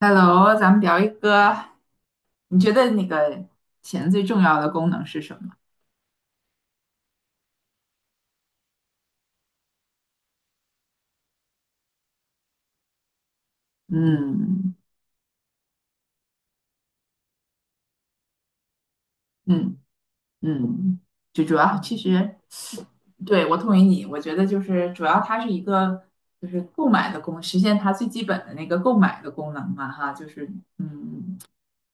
Hello，咱们聊一个，你觉得那个钱最重要的功能是什么？嗯嗯嗯，就主要其实对我同意你，我觉得就是主要它是一个就是购买的功，实现它最基本的那个购买的功能嘛，哈，就是嗯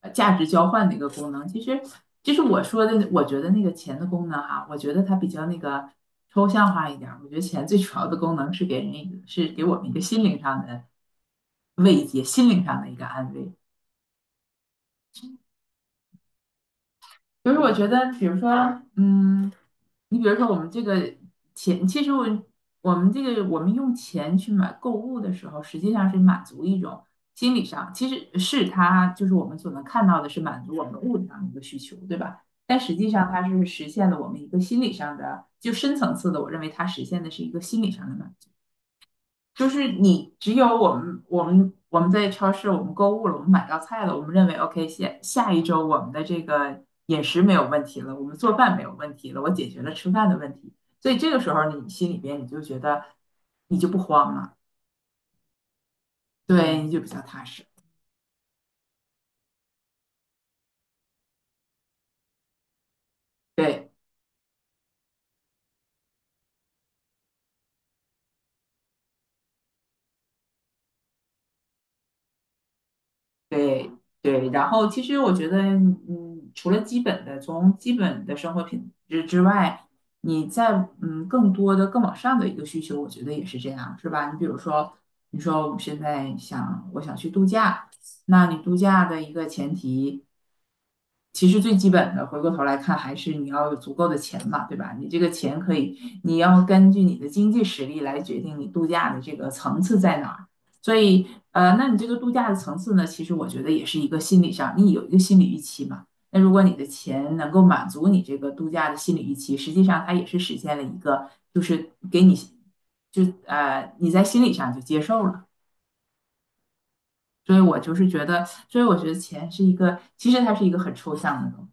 价值交换的一个功能。其实其实我说的，我觉得那个钱的功能哈，我觉得它比较那个抽象化一点儿。我觉得钱最主要的功能是给人一个是给我们一个心灵上的慰藉，心灵上的一个安慰。就是我觉得，比如说，嗯，你比如说我们这个钱，其实我我们这个我们用钱去买购物的时候，实际上是满足一种心理上，其实是它就是我们所能看到的是满足我们物质上的一个需求，对吧？但实际上它是实现了我们一个心理上的，就深层次的，我认为它实现的是一个心理上的满足。就是你只有我们在超市我们购物了，我们买到菜了，我们认为 OK 下下一周我们的这个饮食没有问题了，我们做饭没有问题了，我解决了吃饭的问题，所以这个时候你心里边你就觉得你就不慌了。对，你就比较踏实。对。对对，然后其实我觉得，嗯，除了基本的，从基本的生活品质之外，你在嗯更多的更往上的一个需求，我觉得也是这样，是吧？你比如说，你说我们现在想我想去度假，那你度假的一个前提，其实最基本的，回过头来看，还是你要有足够的钱嘛，对吧？你这个钱可以，你要根据你的经济实力来决定你度假的这个层次在哪儿。所以，那你这个度假的层次呢，其实我觉得也是一个心理上，你有一个心理预期嘛。那如果你的钱能够满足你这个度假的心理预期，实际上它也是实现了一个，就是给你，就你在心理上就接受了。所以我就是觉得，所以我觉得钱是一个，其实它是一个很抽象的东西。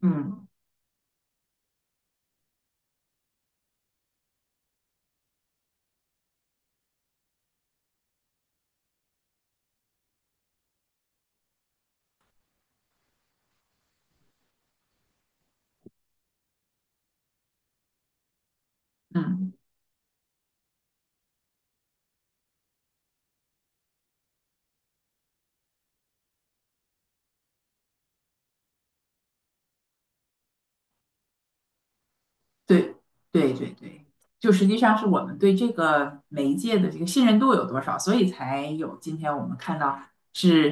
嗯嗯。对对对对，就实际上是我们对这个媒介的这个信任度有多少，所以才有今天我们看到是，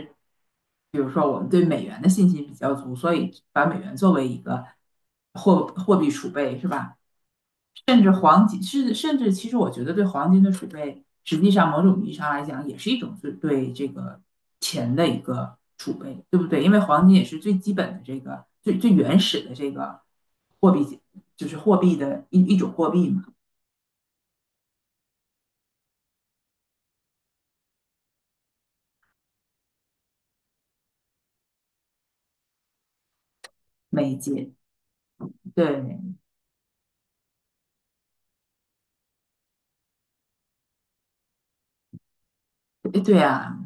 比如说我们对美元的信心比较足，所以把美元作为一个货币储备是吧？甚至黄金，甚至其实我觉得对黄金的储备，实际上某种意义上来讲也是一种对这个钱的一个储备，对不对？因为黄金也是最基本的这个最原始的这个货币，就是货币的一种货币嘛，美金，对，对啊，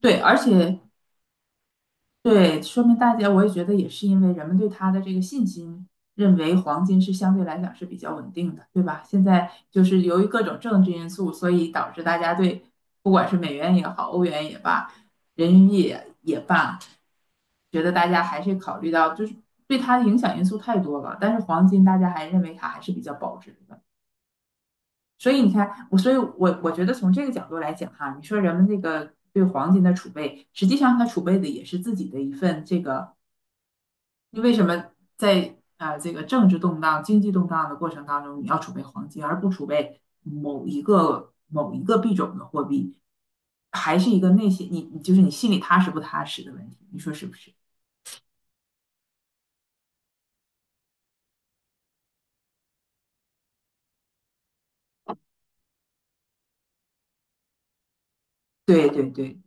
对，而且对，说明大家我也觉得也是因为人们对它的这个信心，认为黄金是相对来讲是比较稳定的，对吧？现在就是由于各种政治因素，所以导致大家对不管是美元也好，欧元也罢，人民币也也罢，觉得大家还是考虑到就是对它的影响因素太多了，但是黄金大家还认为它还是比较保值的。所以你看，我所以我觉得从这个角度来讲哈，你说人们那个对黄金的储备，实际上他储备的也是自己的一份这个，你为什么在这个政治动荡、经济动荡的过程当中，你要储备黄金，而不储备某一个币种的货币，还是一个内心你就是你心里踏实不踏实的问题，你说是不是？对对对，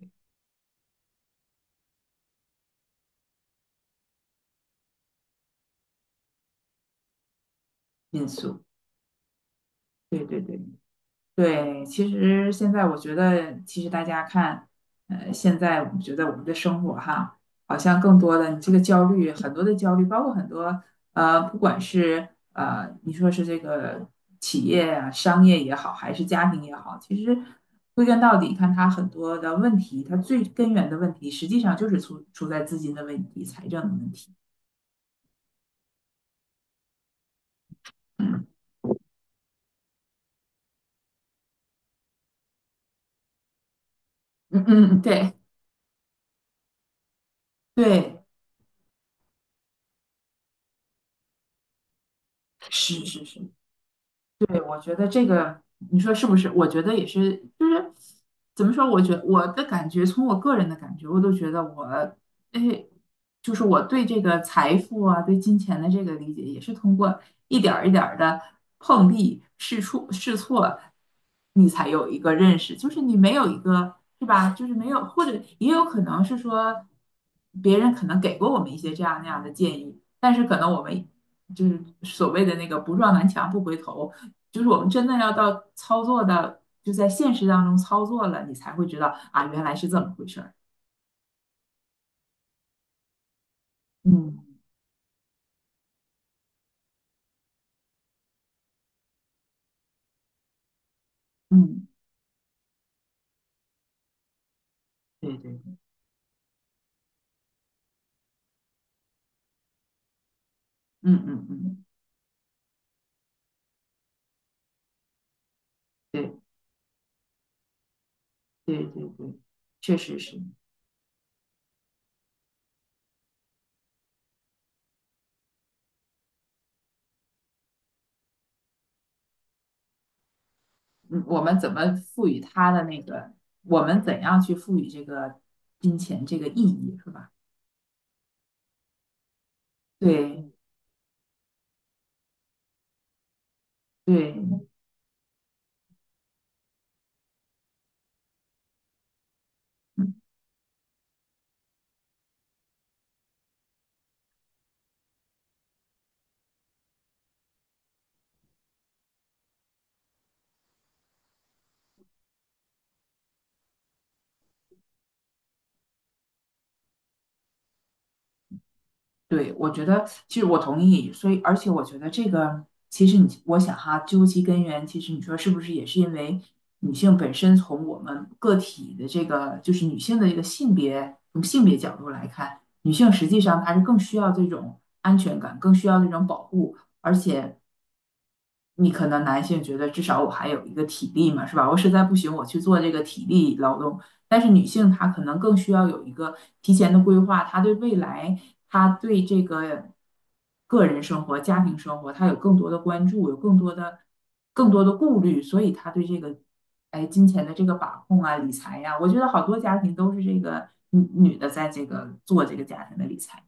因素，对对对。对，其实现在我觉得，其实大家看，现在我们觉得我们的生活哈，好像更多的你这个焦虑，很多的焦虑，包括很多不管是你说是这个企业啊、商业也好，还是家庭也好，其实归根到底，看它很多的问题，它最根源的问题，实际上就是出在资金的问题、财政的问题。嗯嗯嗯，对。对，是是是，对，我觉得这个，你说是不是？我觉得也是，就是怎么说？我的感觉，从我个人的感觉，我都觉得我，哎，就是我对这个财富啊，对金钱的这个理解，也是通过一点儿一点儿的碰壁、试错、试错，你才有一个认识。就是你没有一个，是吧？就是没有，或者也有可能是说，别人可能给过我们一些这样那样的建议，但是可能我们就是所谓的那个不撞南墙不回头。就是我们真的要到操作的，就在现实当中操作了，你才会知道啊，原来是这么回事儿。嗯嗯，对对，嗯嗯嗯，对对对对，确实是。嗯，我们怎么赋予它的那个，我们怎样去赋予这个金钱这个意义，是吧？对对，嗯对，我觉得其实我同意，所以而且我觉得这个其实你我想哈，究其根源，其实你说是不是也是因为女性本身从我们个体的这个就是女性的这个性别从性别角度来看，女性实际上她是更需要这种安全感，更需要这种保护，而且。你可能男性觉得至少我还有一个体力嘛，是吧？我实在不行，我去做这个体力劳动。但是女性她可能更需要有一个提前的规划，她对未来，她对这个个人生活、家庭生活，她有更多的关注，有更多的更多的顾虑，所以她对这个哎金钱的这个把控啊、理财呀、我觉得好多家庭都是这个女的在这个做这个家庭的理财，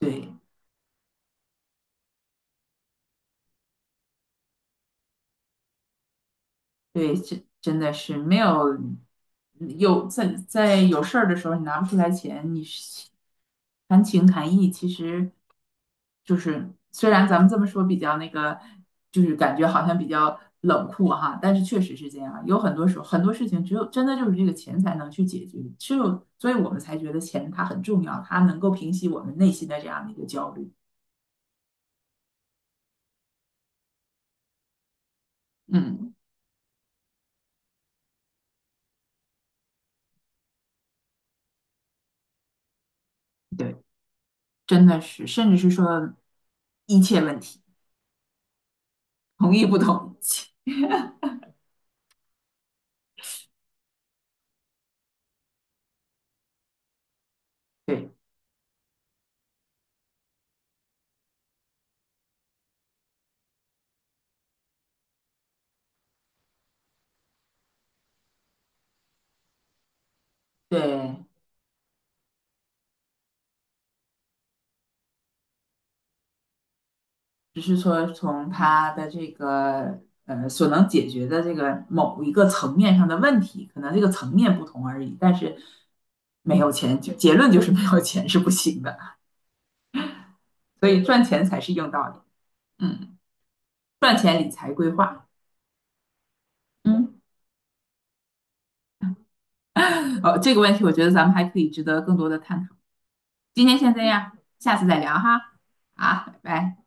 对。对，这真的是没有有在有事儿的时候，你拿不出来钱，你是谈情谈义，其实就是虽然咱们这么说比较那个，就是感觉好像比较冷酷哈，但是确实是这样。有很多时候，很多事情只有真的就是这个钱才能去解决，只有所以我们才觉得钱它很重要，它能够平息我们内心的这样的一个焦虑。嗯，对，真的是，甚至是说一切问题，同意不同意？对。对，只是说从他的这个所能解决的这个某一个层面上的问题，可能这个层面不同而已，但是没有钱就结论就是没有钱是不行的，所以赚钱才是硬道理。嗯，赚钱理财规划，嗯，哦，这个问题我觉得咱们还可以值得更多的探讨。今天先这样，下次再聊哈。好，拜拜。